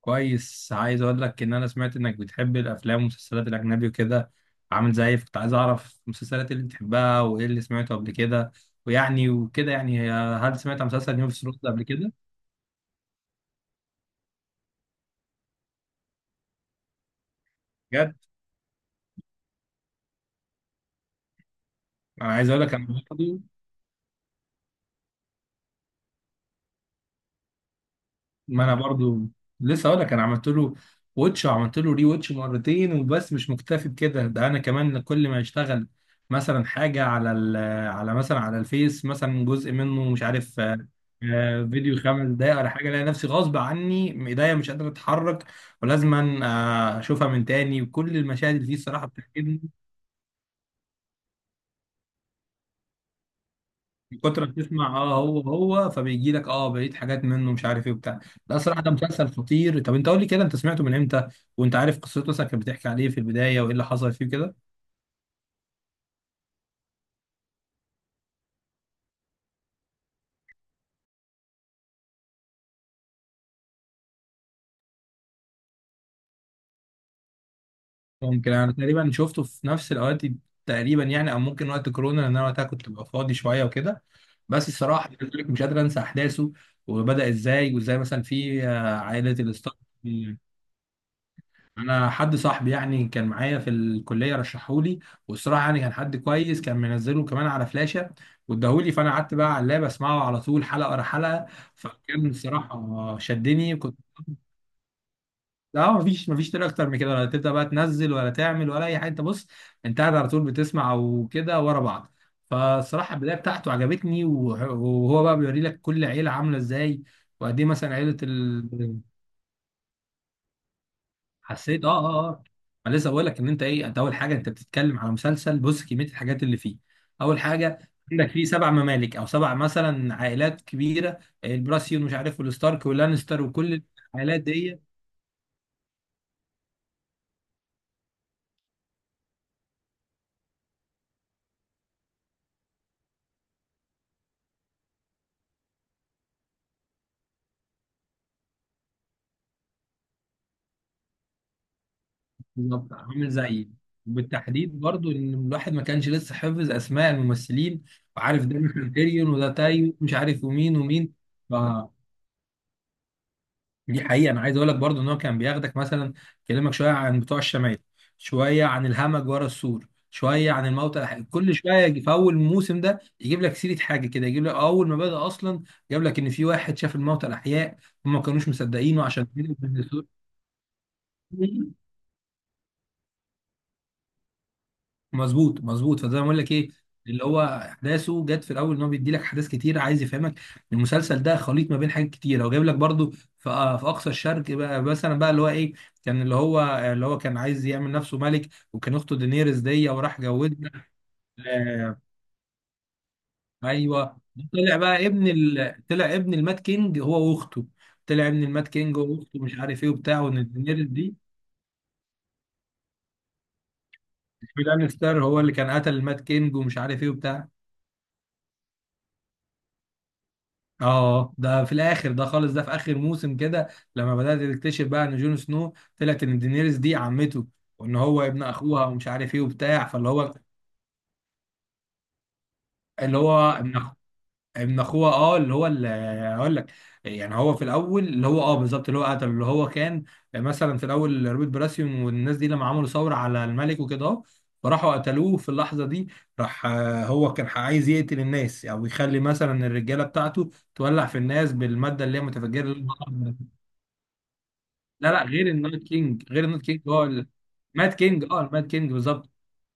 كويس، عايز اقول لك ان انا سمعت انك بتحب الافلام والمسلسلات الاجنبي وكده. عامل زيي، كنت عايز اعرف المسلسلات اللي بتحبها وايه اللي سمعته قبل كده. ويعني وكده يعني، هل سمعت عن مسلسل يوم في قبل كده؟ بجد؟ انا عايز اقول لك انا برضه. ما انا برضو لسه اقول لك، انا عملت له ووتش وعملت له ري ووتش مرتين وبس، مش مكتفي بكده، ده انا كمان كل ما يشتغل مثلا حاجه على مثلا على الفيس مثلا جزء منه مش عارف فيديو خمس دقايق ولا حاجه، الاقي نفسي غصب عني ايديا مش قادره اتحرك، ولازما اشوفها من تاني، وكل المشاهد اللي فيه الصراحه بتعجبني. من كتر ما بتسمع اه هو فبيجي لك اه بقيت حاجات منه مش عارف ايه وبتاع. لا صراحه ده مسلسل خطير. طب انت قول لي كده، انت سمعته من امتى؟ وانت عارف قصته مثلا كانت بتحكي عليه في البدايه وايه اللي حصل فيه كده؟ ممكن انا تقريبا شفته في نفس الاوقات تقريبا يعني، او ممكن وقت كورونا، لان انا وقتها كنت ببقى فاضي شويه وكده. بس الصراحه مش قادر انسى احداثه وبدا ازاي، وازاي مثلا في عائله الستار. انا حد صاحبي يعني كان معايا في الكليه رشحهولي، والصراحه يعني كان حد كويس، كان منزله كمان على فلاشه واداهولي، فانا قعدت بقى على اللاب اسمعه على طول حلقه ورا حلقه. فكان الصراحه شدني، كنت. اه، مفيش طريقه اكتر من كده، ولا تبدا بقى تنزل ولا تعمل ولا اي حاجه، انت بص، انت قاعد على طول بتسمع وكده ورا بعض. فالصراحه البدايه بتاعته عجبتني، وهو بقى بيوري لك كل عيله عامله ازاي وقد ايه مثلا عيله. حسيت اه اه اه. انا لسه بقول لك ان انت ايه، انت اول حاجه انت بتتكلم على مسلسل بص كميه الحاجات اللي فيه. اول حاجه عندك فيه سبع ممالك او سبع مثلا عائلات كبيره، البراسيون مش عارف والستارك واللانستر وكل العائلات دي. بالظبط عامل زيي، وبالتحديد برضو ان الواحد ما كانش لسه حافظ اسماء الممثلين، وعارف ده مش تيريون وده تايو مش عارف ومين ومين. دي حقيقة. أنا عايز أقول لك برضو إن هو كان بياخدك مثلا يكلمك شوية عن بتوع الشمال، شوية عن الهمج ورا السور، شوية عن الموتى كل شوية في أول موسم ده يجيب لك سيرة حاجة كده، يجيب لك أول ما بدأ أصلا جاب لك إن في واحد شاف الموتى الأحياء وما كانوش مصدقينه عشان كده. مظبوط مظبوط. فده بقول لك ايه، اللي هو احداثه جت في الاول ان هو بيدي لك احداث كتير، عايز يفهمك. المسلسل ده خليط ما بين حاجات كتير، هو جايب لك برضو في في اقصى الشرق بقى مثلا بقى اللي هو ايه، كان اللي هو، اللي هو كان عايز يعمل نفسه ملك، وكان اخته دينيريس دي، وراح جوزها. آه ايوه. طلع بقى طلع ابن المات كينج هو واخته، طلع ابن المات كينج هو واخته مش عارف ايه وبتاع، وان دينيريس دي مش عارف ستار هو اللي كان قتل المات كينج ومش عارف ايه وبتاع. اه ده في الاخر ده خالص، ده في اخر موسم كده لما بدات تكتشف بقى ان جون سنو طلعت ان دينيريس دي عمته، وان هو ابن اخوها ومش عارف ايه وبتاع. فاللي هو اللي هو ابن اخوها، اه اللي هو اللي، هقول لك يعني، هو في الاول اللي هو اه بالظبط اللي هو قتله اللي هو كان مثلا في الاول روبرت براسيون والناس دي لما عملوا ثوره على الملك وكده اه، فراحوا قتلوه في اللحظه دي. راح هو كان عايز يقتل الناس، او يعني يخلي مثلا الرجاله بتاعته تولع في الناس بالماده اللي هي متفجره. لا لا، غير النايت كينج، غير النايت كينج هو مات كينج، اه المات كينج بالظبط.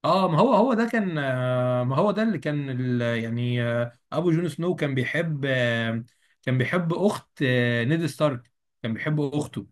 اه ما هو هو ده كان ما هو ده اللي كان يعني ابو جون سنو كان بيحب كان بيحب اخت نيد ستارك، كان بيحب اخته.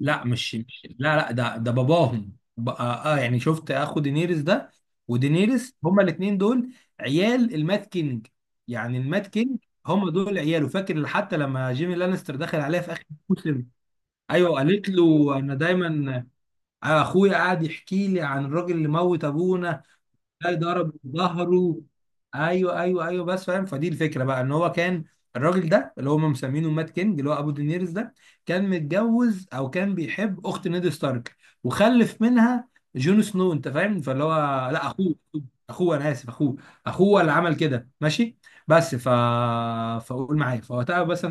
لا لا لا، ده ده باباهم بقى، اه يعني شفت اخو دينيريس ده ودينيريس، هما الاثنين دول عيال المات كينج، يعني المات كينج هما دول عياله. فاكر حتى لما جيمي لانستر دخل عليها في اخر الموسم، ايوه قالت له انا دايما اخويا قاعد يحكي لي عن الراجل اللي موت ابونا، ده ضرب ظهره. ايوه ايوه ايوه بس فاهم، فدي الفكره بقى ان هو كان الراجل ده اللي هم مسمينه مات كينج اللي هو ابو دينيرز ده كان متجوز او كان بيحب اخت نيد ستارك وخلف منها جون سنو، انت فاهم؟ فاللي هو، لا اخوه، اخوه انا اسف، اخوه اخوه اللي عمل كده، ماشي. بس ف، فقول معايا فوقتها بس.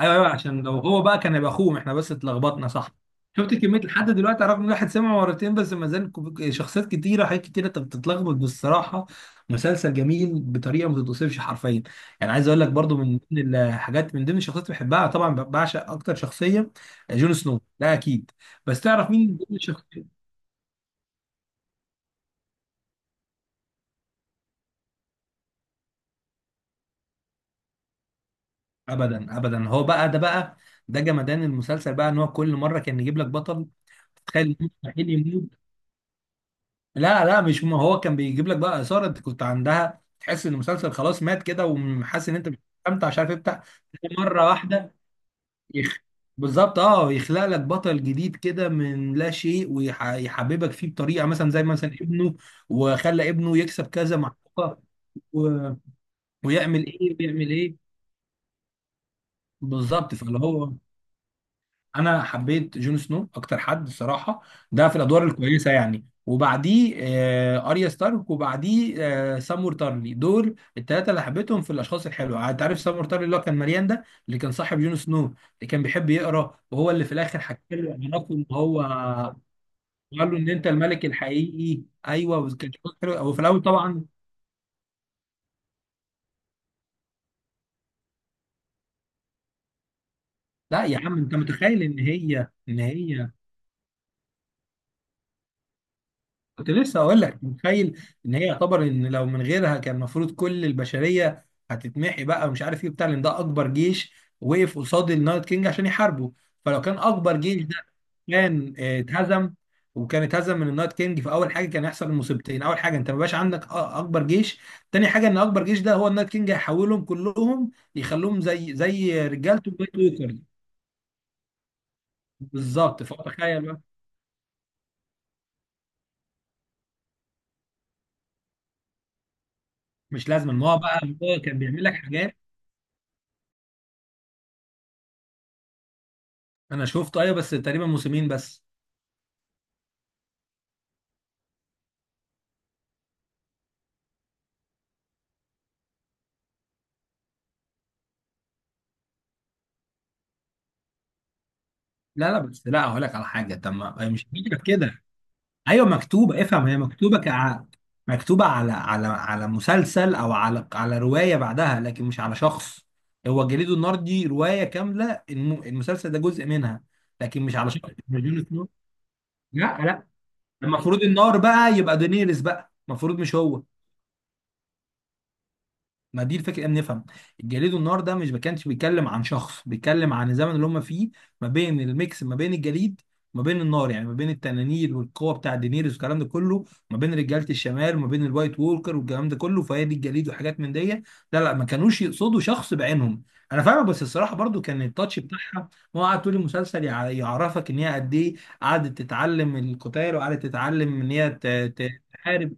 ايوه ايوه، عشان لو هو بقى كان هيبقى اخوهم، احنا بس اتلخبطنا صح. شفت كميه لحد دلوقتي رغم ان الواحد سمع مرتين بس، ما زال شخصيات كتيره حاجات كتيره، انت بتتلخبط بالصراحه. مسلسل جميل بطريقه ما تتوصفش حرفيا. يعني عايز اقول لك برضو من ضمن الحاجات، من ضمن الشخصيات اللي بحبها، طبعا بعشق اكتر شخصيه، جون سنو ده اكيد. بس تعرف مين من ضمن الشخصيات؟ ابدا ابدا، هو بقى ده بقى، ده جمدان المسلسل بقى ان هو كل مره كان يجيب لك بطل تخيل إنه مستحيل يموت. لا لا مش م- هو كان بيجيب لك بقى اثاره، انت كنت عندها تحس ان المسلسل خلاص مات كده، وحاسس ان انت مش مستمتع، مش عارف تفتح مره واحده، يخ... بالظبط، اه يخلق لك بطل جديد كده من لا شيء، ويحببك فيه بطريقه مثلا زي مثلا ابنه، وخلى ابنه يكسب كذا معركه و...، ويعمل ايه ويعمل ايه. بالظبط فاللي هو، انا حبيت جون سنو اكتر حد الصراحه، ده في الادوار الكويسه يعني، وبعديه آه اريا ستارك، وبعديه آه سامور تارلي، دول الثلاثه اللي حبيتهم في الاشخاص الحلوه يعني. انت عارف سامور تارلي اللي هو كان مليان ده، اللي كان صاحب جون سنو، اللي كان بيحب يقرا، وهو اللي في الاخر حكى له علاقه ان هو قال له ان انت الملك الحقيقي. ايوه، وكان شخص حلو هو في الاول طبعا. لا يا عم انت متخيل ان هي كنت لسه اقول لك متخيل ان هي يعتبر ان لو من غيرها كان المفروض كل البشريه هتتمحي بقى ومش عارف ايه بتاع، لان ده اكبر جيش وقف قصاد النايت كينج عشان يحاربه. فلو كان اكبر جيش ده كان اتهزم، وكان اتهزم من النايت كينج، فاول حاجه كان يحصل المصيبتين، اول حاجه انت ما بقاش عندك اكبر جيش، تاني حاجه ان اكبر جيش ده هو النايت كينج هيحولهم كلهم يخلوهم زي زي رجالته بلاك ووكر. بالظبط، فتخيل بقى. مش لازم ان هو بقى هو كان بيعمل لك حاجات. انا شفته ايوه، بس تقريبا موسمين بس. لا لا بس لا، هقول لك على حاجه، طب ما هي مش فكره كده. ايوه مكتوبه افهم، هي مكتوبه مكتوبه على على على مسلسل، او على على روايه بعدها، لكن مش على شخص. هو جليدو النار دي روايه كامله، المسلسل ده جزء منها، لكن مش على شخص، مش جون سنو. لا لا. المفروض النار بقى يبقى دينيرس بقى، المفروض مش هو. ما دي الفكره ان نفهم. الجليد والنار ده مش ما كانش بيتكلم عن شخص، بيتكلم عن الزمن اللي هم فيه، ما بين الميكس ما بين الجليد وما بين النار، يعني ما بين التنانير والقوه بتاع دينيريس والكلام ده كله، ما بين رجاله الشمال وما بين الوايت وولكر والكلام ده كله. فهي دي الجليد وحاجات من دي. لا لا ما كانوش يقصدوا شخص بعينهم. انا فاهمك، بس الصراحه برضو كان التاتش بتاعها، ما هو قعد طول المسلسل يعرفك ان هي قد ايه قعدت تتعلم القتال، وقعدت تتعلم ان هي تحارب.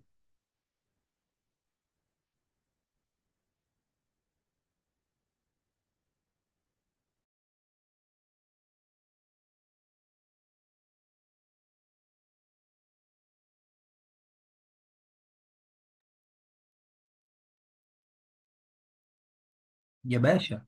يا باشا،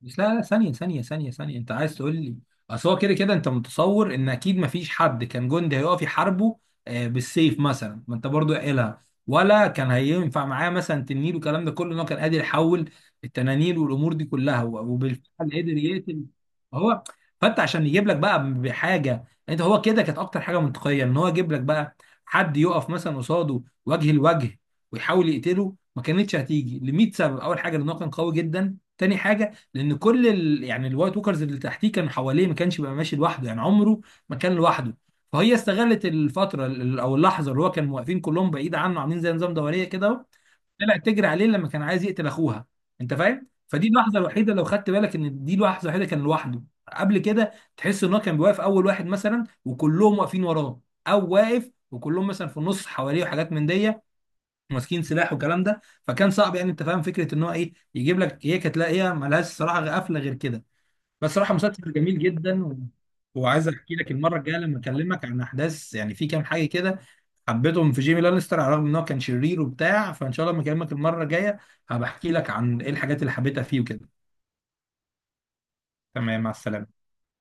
بس لا لا، ثانية ثانية ثانية ثانية، أنت عايز تقول لي أصل هو كده كده أنت متصور إن أكيد مفيش حد كان جندي هيقف يحاربه بالسيف مثلا، ما أنت برضو قايلها، ولا كان هينفع معاه مثلا تنين والكلام ده كله، إن هو كان قادر يحول التنانين والأمور دي كلها، وبالفعل قدر يقتل هو. فأنت عشان يجيب لك بقى بحاجة أنت هو كده، كانت أكتر حاجة منطقية إن هو يجيب لك بقى حد يقف مثلا قصاده وجه لوجه ويحاول يقتله، ما كانتش هتيجي ل 100 سبب. أول حاجة إن هو كان قوي جدا، تاني حاجة لان كل يعني الوايت ووكرز اللي تحتيه كان حواليه، ما كانش بيبقى ماشي لوحده، يعني عمره ما كان لوحده. فهي استغلت الفتره او اللحظه اللي هو كان واقفين كلهم بعيد عنه عاملين زي نظام دوريه كده اهو، طلعت تجري عليه لما كان عايز يقتل اخوها. انت فاهم، فدي اللحظه الوحيده، لو خدت بالك ان دي اللحظه الوحيده كان لوحده. قبل كده تحس ان هو كان بيوقف اول واحد مثلا وكلهم واقفين وراه، او واقف وكلهم مثلا في النص حواليه وحاجات من دي، ماسكين سلاح والكلام ده. فكان صعب، يعني انت فاهم فكره ان هو ايه يجيب لك، هي كانت لا هي ملهاش صراحه قفله غير كده. بس صراحه مسلسل جميل جدا و...، وعايز احكي لك المره الجايه لما اكلمك عن احداث يعني، في كام حاجه كده حبيتهم في جيمي لانستر على الرغم ان هو كان شرير وبتاع، فان شاء الله لما اكلمك المره الجايه هبحكي لك عن ايه الحاجات اللي حبيتها فيه وكده. تمام، مع السلامه.